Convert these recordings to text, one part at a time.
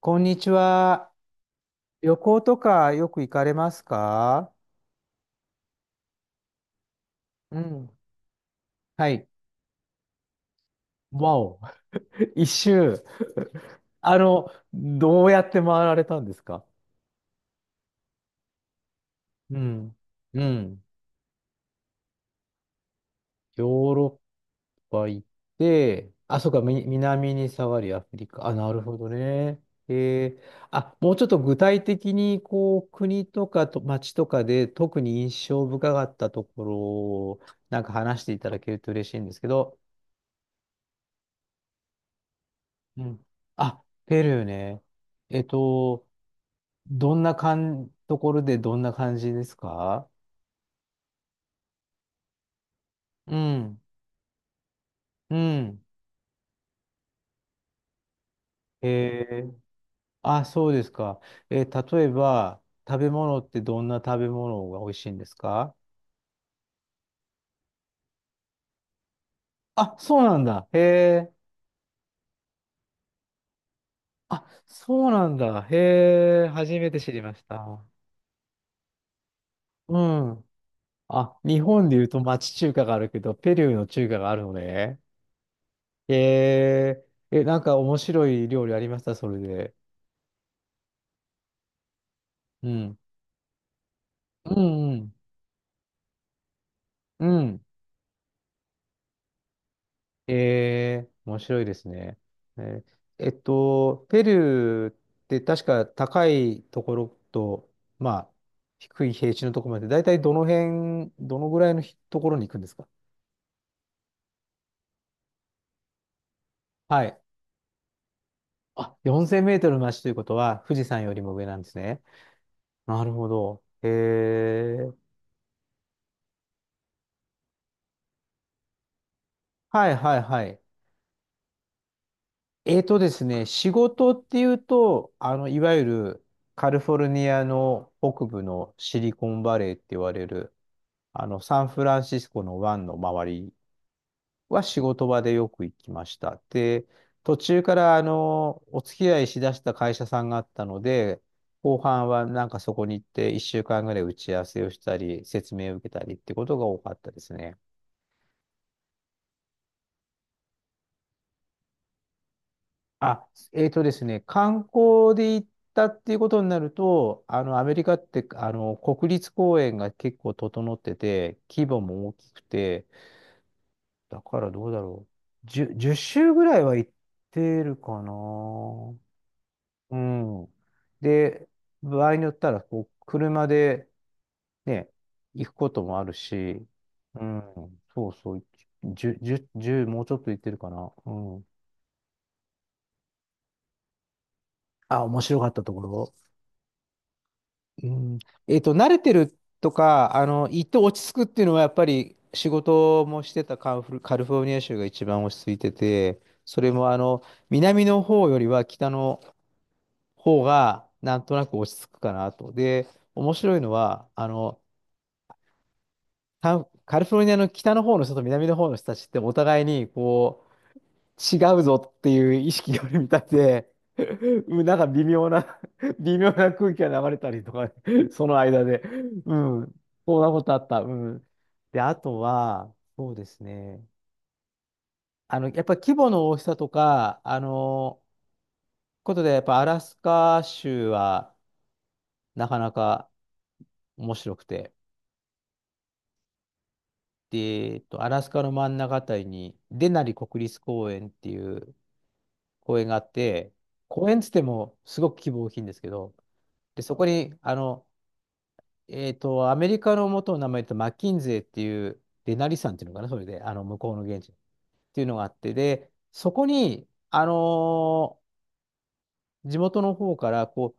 こんにちは。旅行とかよく行かれますか？うん。はい。わお。一周。どうやって回られたんですか？うん。うん。ヨーロッパ行って、あ、そうか、南に下がりアフリカ。あ、なるほどね。えー、あ、もうちょっと具体的に、こう、国とかと街とかで特に印象深かったところを、なんか話していただけると嬉しいんですけど。うん。あ、ペルーね。えっと、どんなかん、ところでどんな感じですか？うん。うん。えー、あ、そうですか。例えば、食べ物ってどんな食べ物が美味しいんですか？あ、そうなんだ。へえ。あ、そうなんだ。へえ。初めて知りました。うん。あ、日本で言うと町中華があるけど、ペルーの中華があるのね。へえ。え、なんか面白い料理ありました？それで。うん。うん、うん。うん。面白いですね。えーペルーって確か高いところと、まあ、低い平地のところまで、だいたいどのぐらいのひところに行くんですか？はい。あ、4000メートルの足ということは、富士山よりも上なんですね。なるほど。はいはいはい。えーとですね、仕事っていうと、いわゆるカリフォルニアの北部のシリコンバレーって言われる、サンフランシスコの湾の周りは仕事場でよく行きました。で、途中からお付き合いしだした会社さんがあったので、後半はなんかそこに行って1週間ぐらい打ち合わせをしたり、説明を受けたりってことが多かったですね。あ、えーとですね、観光で行ったっていうことになると、アメリカって、国立公園が結構整ってて、規模も大きくて、だからどうだろう。10、1周ぐらいは行ってるかな。うん。で、場合によったら、こう、車でね、行くこともあるし、うん、そうそう、10、1もうちょっと行ってるかな。うん。あ、面白かったところ。うん、慣れてるとか、行って落ち着くっていうのは、やっぱり仕事もしてたカリフォルニア州が一番落ち着いてて、それも南の方よりは北の方が、なんとなく落ち着くかなと。で、面白いのは、カンカリフォルニアの北の方の人と南の方の人たちってお互いに、こ違うぞっていう意識があるみたいで、うんなんか微妙な 微妙な空気が流れたりとか、その間で。うん。そんなことあった。うん。で、あとは、そうですね。やっぱり規模の大きさとか、ことで、やっぱアラスカ州はなかなか面白くて。で、アラスカの真ん中あたりに、デナリ国立公園っていう公園があって、公園っつってもすごく規模大きいんですけど、で、そこに、アメリカの元の名前とマッキンゼーっていう、デナリ山っていうのかな、それで、向こうの現地っていうのがあって、で、そこに、地元の方から、こ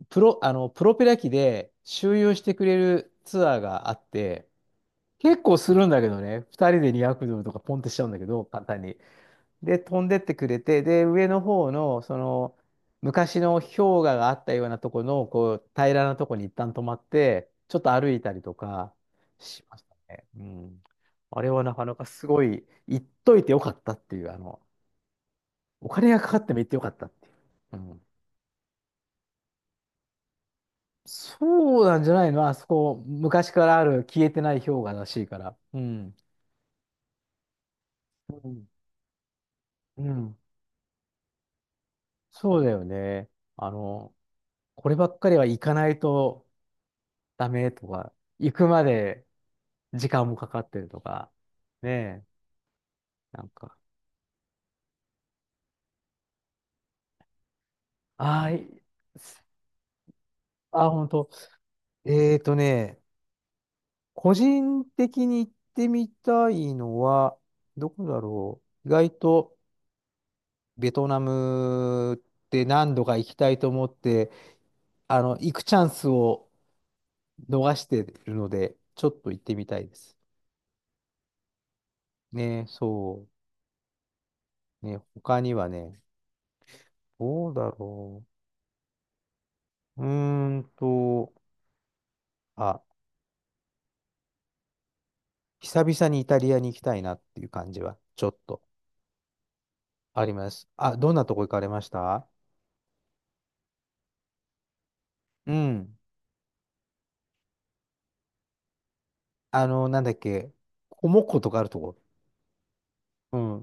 う、プロペラ機で周遊してくれるツアーがあって、結構するんだけどね。二人で200ドルとかポンってしちゃうんだけど、簡単に。で、飛んでってくれて、で、上の方の、昔の氷河があったようなとこの、こう、平らなとこに一旦止まって、ちょっと歩いたりとかしましたね。うん。あれはなかなかすごい、行っといてよかったっていう、お金がかかっても行ってよかったっていう。うん。そうなんじゃないの、あそこ、昔からある消えてない氷河らしいから。うん。うん。うん、そうだよね。あの、こればっかりは行かないとダメとか、行くまで時間もかかってるとか、ねえ、なんか、あーいあ、本当。えーとね、個人的に行ってみたいのは、どこだろう。意外とベトナムって何度か行きたいと思って、行くチャンスを逃してるので、ちょっと行ってみたいです。ね、そう。ね、他にはね、どうだろう。あ、久々にイタリアに行きたいなっていう感じはちょっとあります。あ、どんなとこ行かれました？うん。なんだっけ、コモッコとかあるとこ。うん。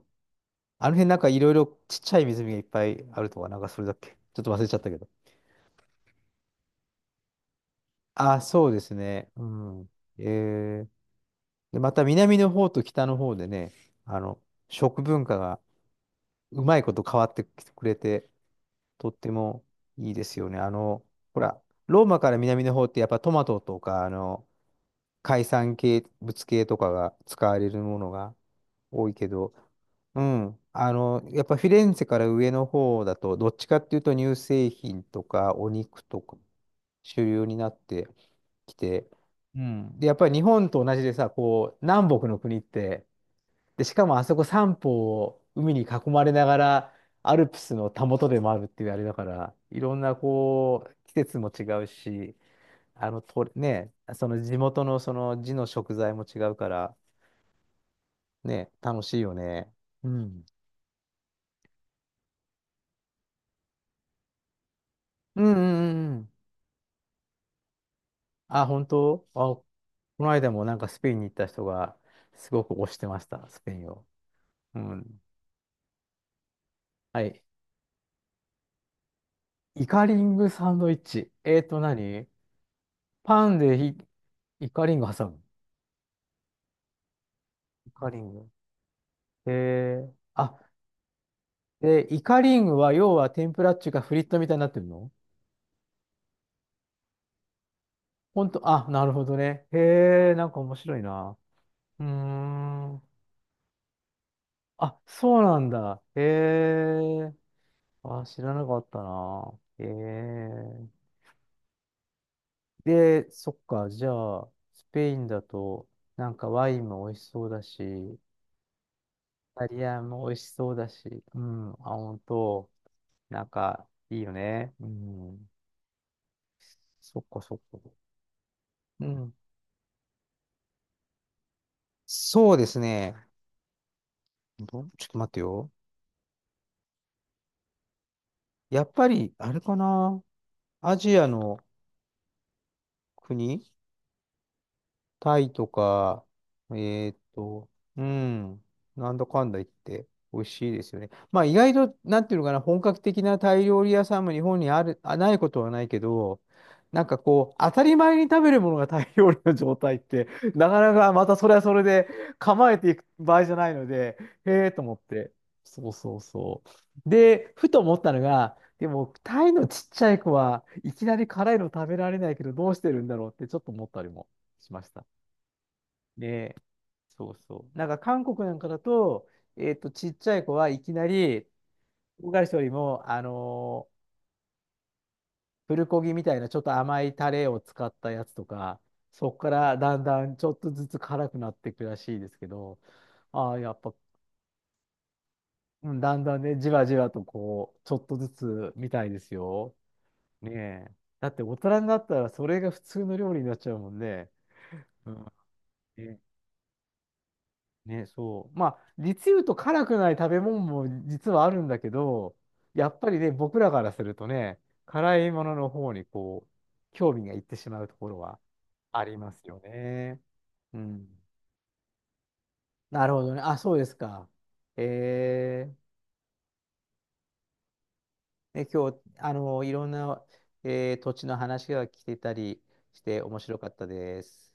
あの辺なんかいろいろちっちゃい湖がいっぱいあるとか、なんかそれだっけ。ちょっと忘れちゃったけど。あ、そうですね。うん。えー、で、また南の方と北の方でね、あの、食文化がうまいこと変わってきてくれて、とってもいいですよね。ほら、ローマから南の方ってやっぱトマトとか、海産系物系とかが使われるものが多いけど、うん、やっぱフィレンツェから上の方だと、どっちかっていうと乳製品とかお肉とか主流になってきて、うん、で、やっぱり日本と同じでさ、こう、南北の国って、で、しかもあそこ三方を海に囲まれながら、アルプスのたもとでもあるっていうあれだから、いろんなこう、季節も違うし、ね、その地元のその地の食材も違うから、ね、楽しいよね。うん。うんうんうんうん。あ、本当、あ、この間もなんかスペインに行った人が、すごく推してました、スペインを。うん。はい。イカリングサンドイッチ。何、パンでイカリング挟む。イカリング。えあ、で、イカリングは要は天ぷらっていうかフリットみたいになってるの？ほんと、あ、なるほどね。へえ、なんか面白いな。うーん。あ、そうなんだ。へえ。あ、知らなかったな。へえ。で、そっか、じゃあ、スペインだと、なんかワインも美味しそうだし、イタリアンも美味しそうだし、うん、あ、ほんと、なんか、いいよね。うん。そっか、そっか。うん。そうですね。ちょっと待ってよ。やっぱり、あれかな。アジアの国、タイとか、えーっと、うん、なんだかんだ言って、美味しいですよね。まあ意外と、なんていうのかな、本格的なタイ料理屋さんも日本にある、あ、ないことはないけど、なんかこう、当たり前に食べるものがタイ料理の状態って、なかなかまたそれはそれで構えていく場合じゃないので、へえと思って。そうそうそう。で、ふと思ったのが、でも、タイのちっちゃい子はいきなり辛いの食べられないけど、どうしてるんだろうってちょっと思ったりもしました。そうそう。なんか韓国なんかだと、ちっちゃい子はいきなり、唐辛子よりも、プルコギみたいなちょっと甘いタレを使ったやつとか、そこからだんだんちょっとずつ辛くなっていくらしいですけど、ああ、やっぱ、うん、だんだんね、じわじわとこう、ちょっとずつみたいですよ。ねえ。だって大人になったらそれが普通の料理になっちゃうもんね。うん、ねえ、ね、そう。まあ、実言うと辛くない食べ物も実はあるんだけど、やっぱりね、僕らからするとね、辛いものの方にこう、興味がいってしまうところはありますよね。うん。なるほどね。あ、そうですか。えね、今日、いろんな、土地の話が来てたりして面白かったです。